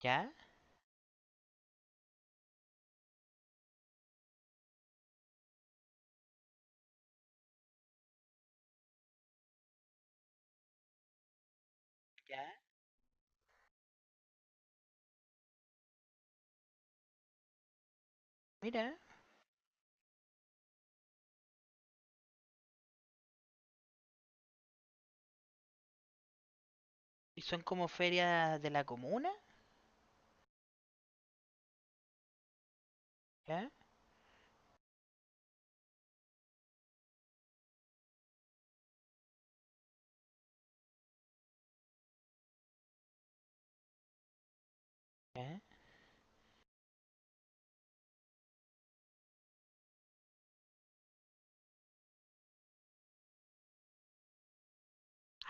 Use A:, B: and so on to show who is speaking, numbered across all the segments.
A: ¿Ya? Ya. Mira. ¿Y son como ferias de la comuna? ¿Ya? ¿Ya?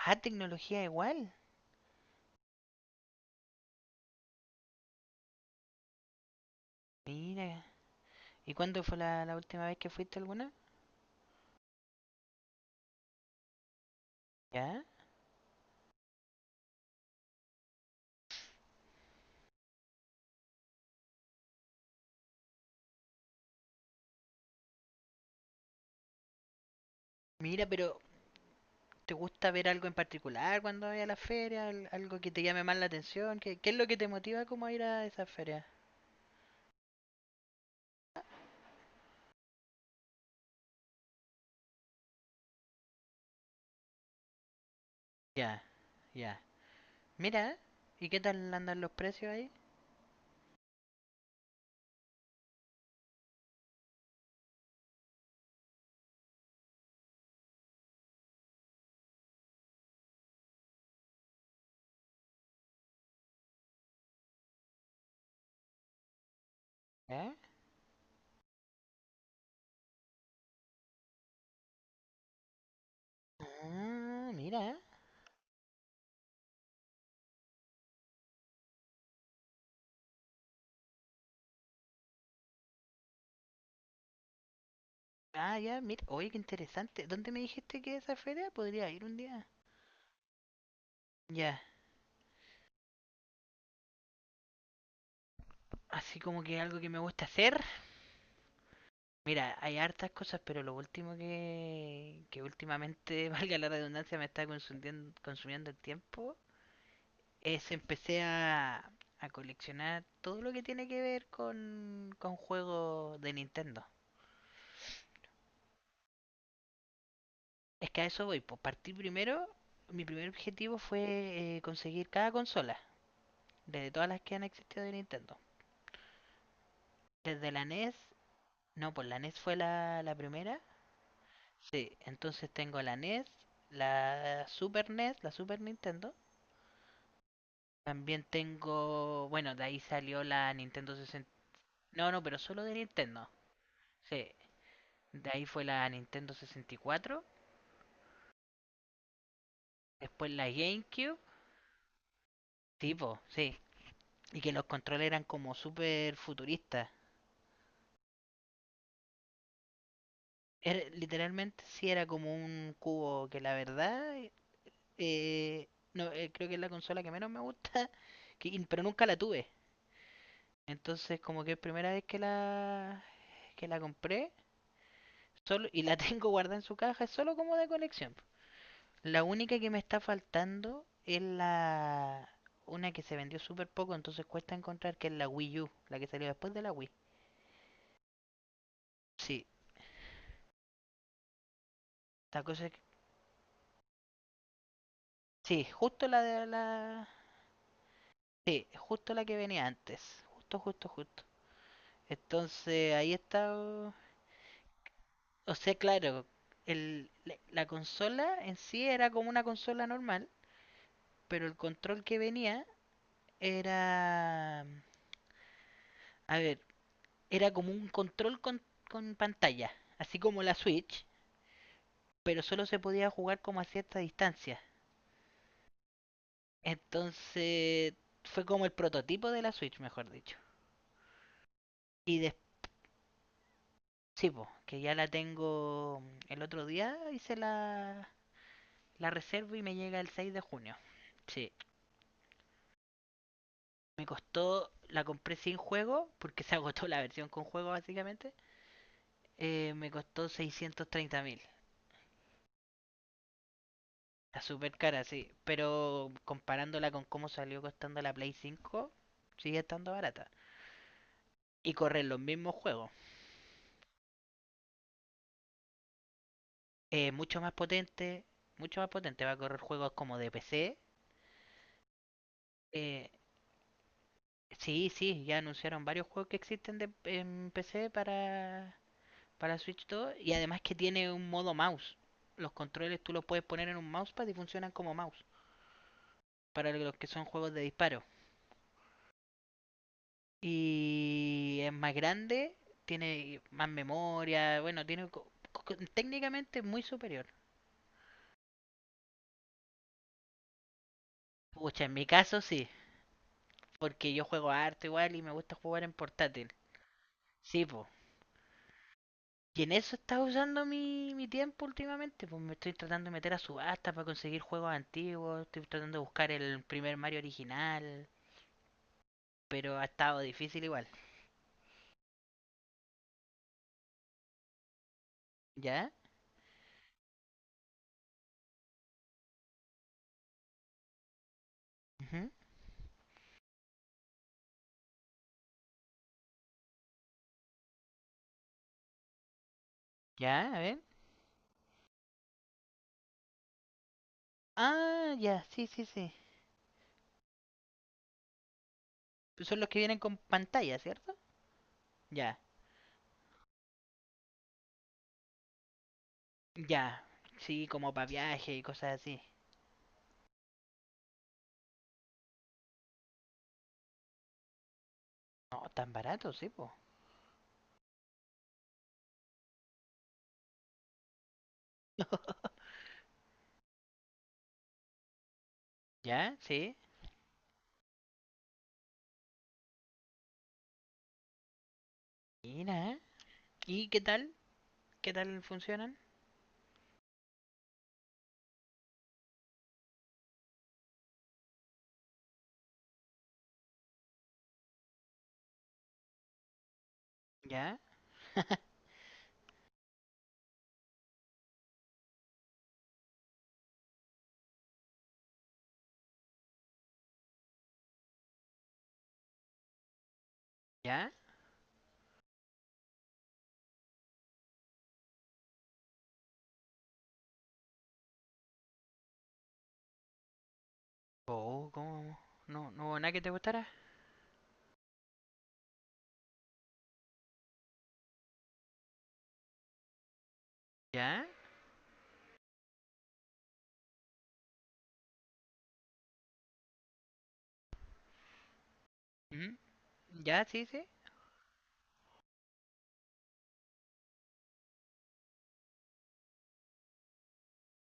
A: Ah, tecnología igual. Mira. ¿Y cuándo fue la última vez que fuiste alguna? ¿Ya? Mira, pero ¿te gusta ver algo en particular cuando vas a la feria? ¿Algo que te llame más la atención? ¿Qué es lo que te motiva como a ir a esas ferias? Ya, ya. Mira, ¿y qué tal andan los precios ahí? ¿Ya? Ah, mira. Ah, ya, mira. Oye, qué interesante. ¿Dónde me dijiste que esa feria podría ir un día? Ya. Así como que algo que me gusta hacer. Mira, hay hartas cosas, pero lo último que últimamente, valga la redundancia, me está consumiendo, consumiendo el tiempo, es empecé a coleccionar todo lo que tiene que ver con juegos de Nintendo. Es que a eso voy, pues partí primero, mi primer objetivo fue conseguir cada consola, desde todas las que han existido de Nintendo. Desde la NES, no, pues la NES fue la primera. Sí, entonces tengo la NES, la Super Nintendo. También tengo, bueno, de ahí salió la Nintendo 60. No, no, pero solo de Nintendo. Sí, de ahí fue la Nintendo 64, después la GameCube. Tipo, sí. Y que los controles eran como súper futuristas. Literalmente sí era como un cubo que la verdad, no, creo que es la consola que menos me gusta, pero nunca la tuve. Entonces, como que es primera vez que la compré, solo y la tengo guardada en su caja, es solo como de colección. La única que me está faltando es la una que se vendió súper poco, entonces cuesta encontrar que es la Wii U, la que salió después de la Wii. Sí, esta cosa. Sí, justo la de la, sí, justo la que venía antes, justo, justo, justo. Entonces, ahí está, o sea, claro, el, la consola en sí era como una consola normal, pero el control que venía era, a ver, era como un control con pantalla, así como la Switch, pero solo se podía jugar como a cierta distancia. Entonces fue como el prototipo de la Switch, mejor dicho. Y después, sí, po, que ya la tengo. El otro día hice la reserva y me llega el 6 de junio. Sí, me costó, la compré sin juego, porque se agotó la versión con juego básicamente. Me costó 630 mil. Está súper cara, sí. Pero comparándola con cómo salió costando la Play cinco, sigue estando barata. Y correr los mismos juegos. Mucho más potente, mucho más potente. Va a correr juegos como de PC. Eh, sí, sí, ya anunciaron varios juegos que existen en PC para, Switch 2. Y además que tiene un modo mouse. Los controles tú los puedes poner en un mousepad y funcionan como mouse. Para los que son juegos de disparo. Y es más grande, tiene más memoria, bueno, tiene técnicamente muy superior. Pucha, en mi caso sí, porque yo juego harto igual y me gusta jugar en portátil. Sí, pues. Y en eso estaba usando mi tiempo últimamente, pues me estoy tratando de meter a subasta para conseguir juegos antiguos, estoy tratando de buscar el primer Mario original, pero ha estado difícil igual. ¿Ya? Ujú. ¿Ya? A ver. Ah, ya, sí, sí, sí. Son los que vienen con pantalla, ¿cierto? Ya. Ya, sí, como para viaje y cosas así. No, tan barato, sí, po. Ya, sí. Mira. ¿Y qué tal? ¿Qué tal funcionan? Ya, ya. Oh, ¿cómo? No, no hubo nada que te gustara. Ya. ¿Mm? Ya, sí, sí.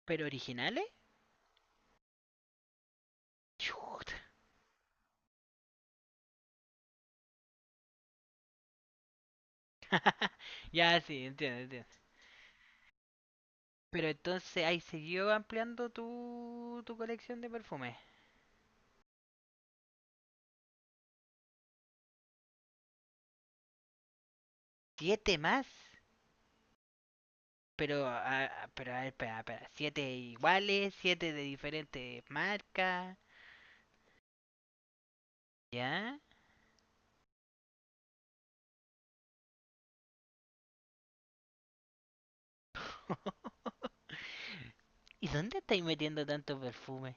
A: ¿Pero originales? Chuta. Ya, sí, entiendo, entiendo. Pero entonces, ahí siguió ampliando tu colección de perfumes. ¿Siete más? Pero, pero, a ver, espera, espera. Siete iguales, siete de diferentes marcas, ¿ya? ¿Y dónde estáis metiendo tanto perfume?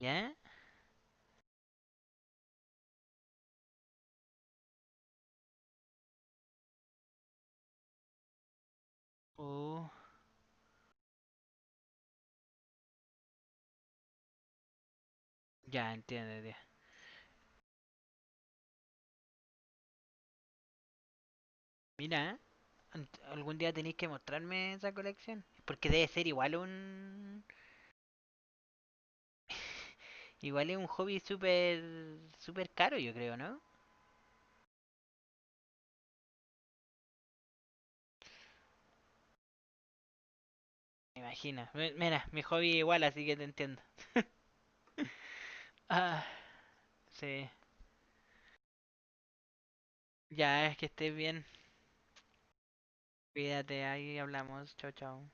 A: ¿Ya? Oh, ya entiendo, tío. Mira, algún día tenéis que mostrarme esa colección. Porque debe ser igual un. Igual es un hobby súper. Súper caro, yo creo, ¿no? Me imagino. Mira, mi hobby es igual, así que te entiendo. Ah, sí. Ya, es que estés bien. Cuídate, ahí hablamos. Chao, chao.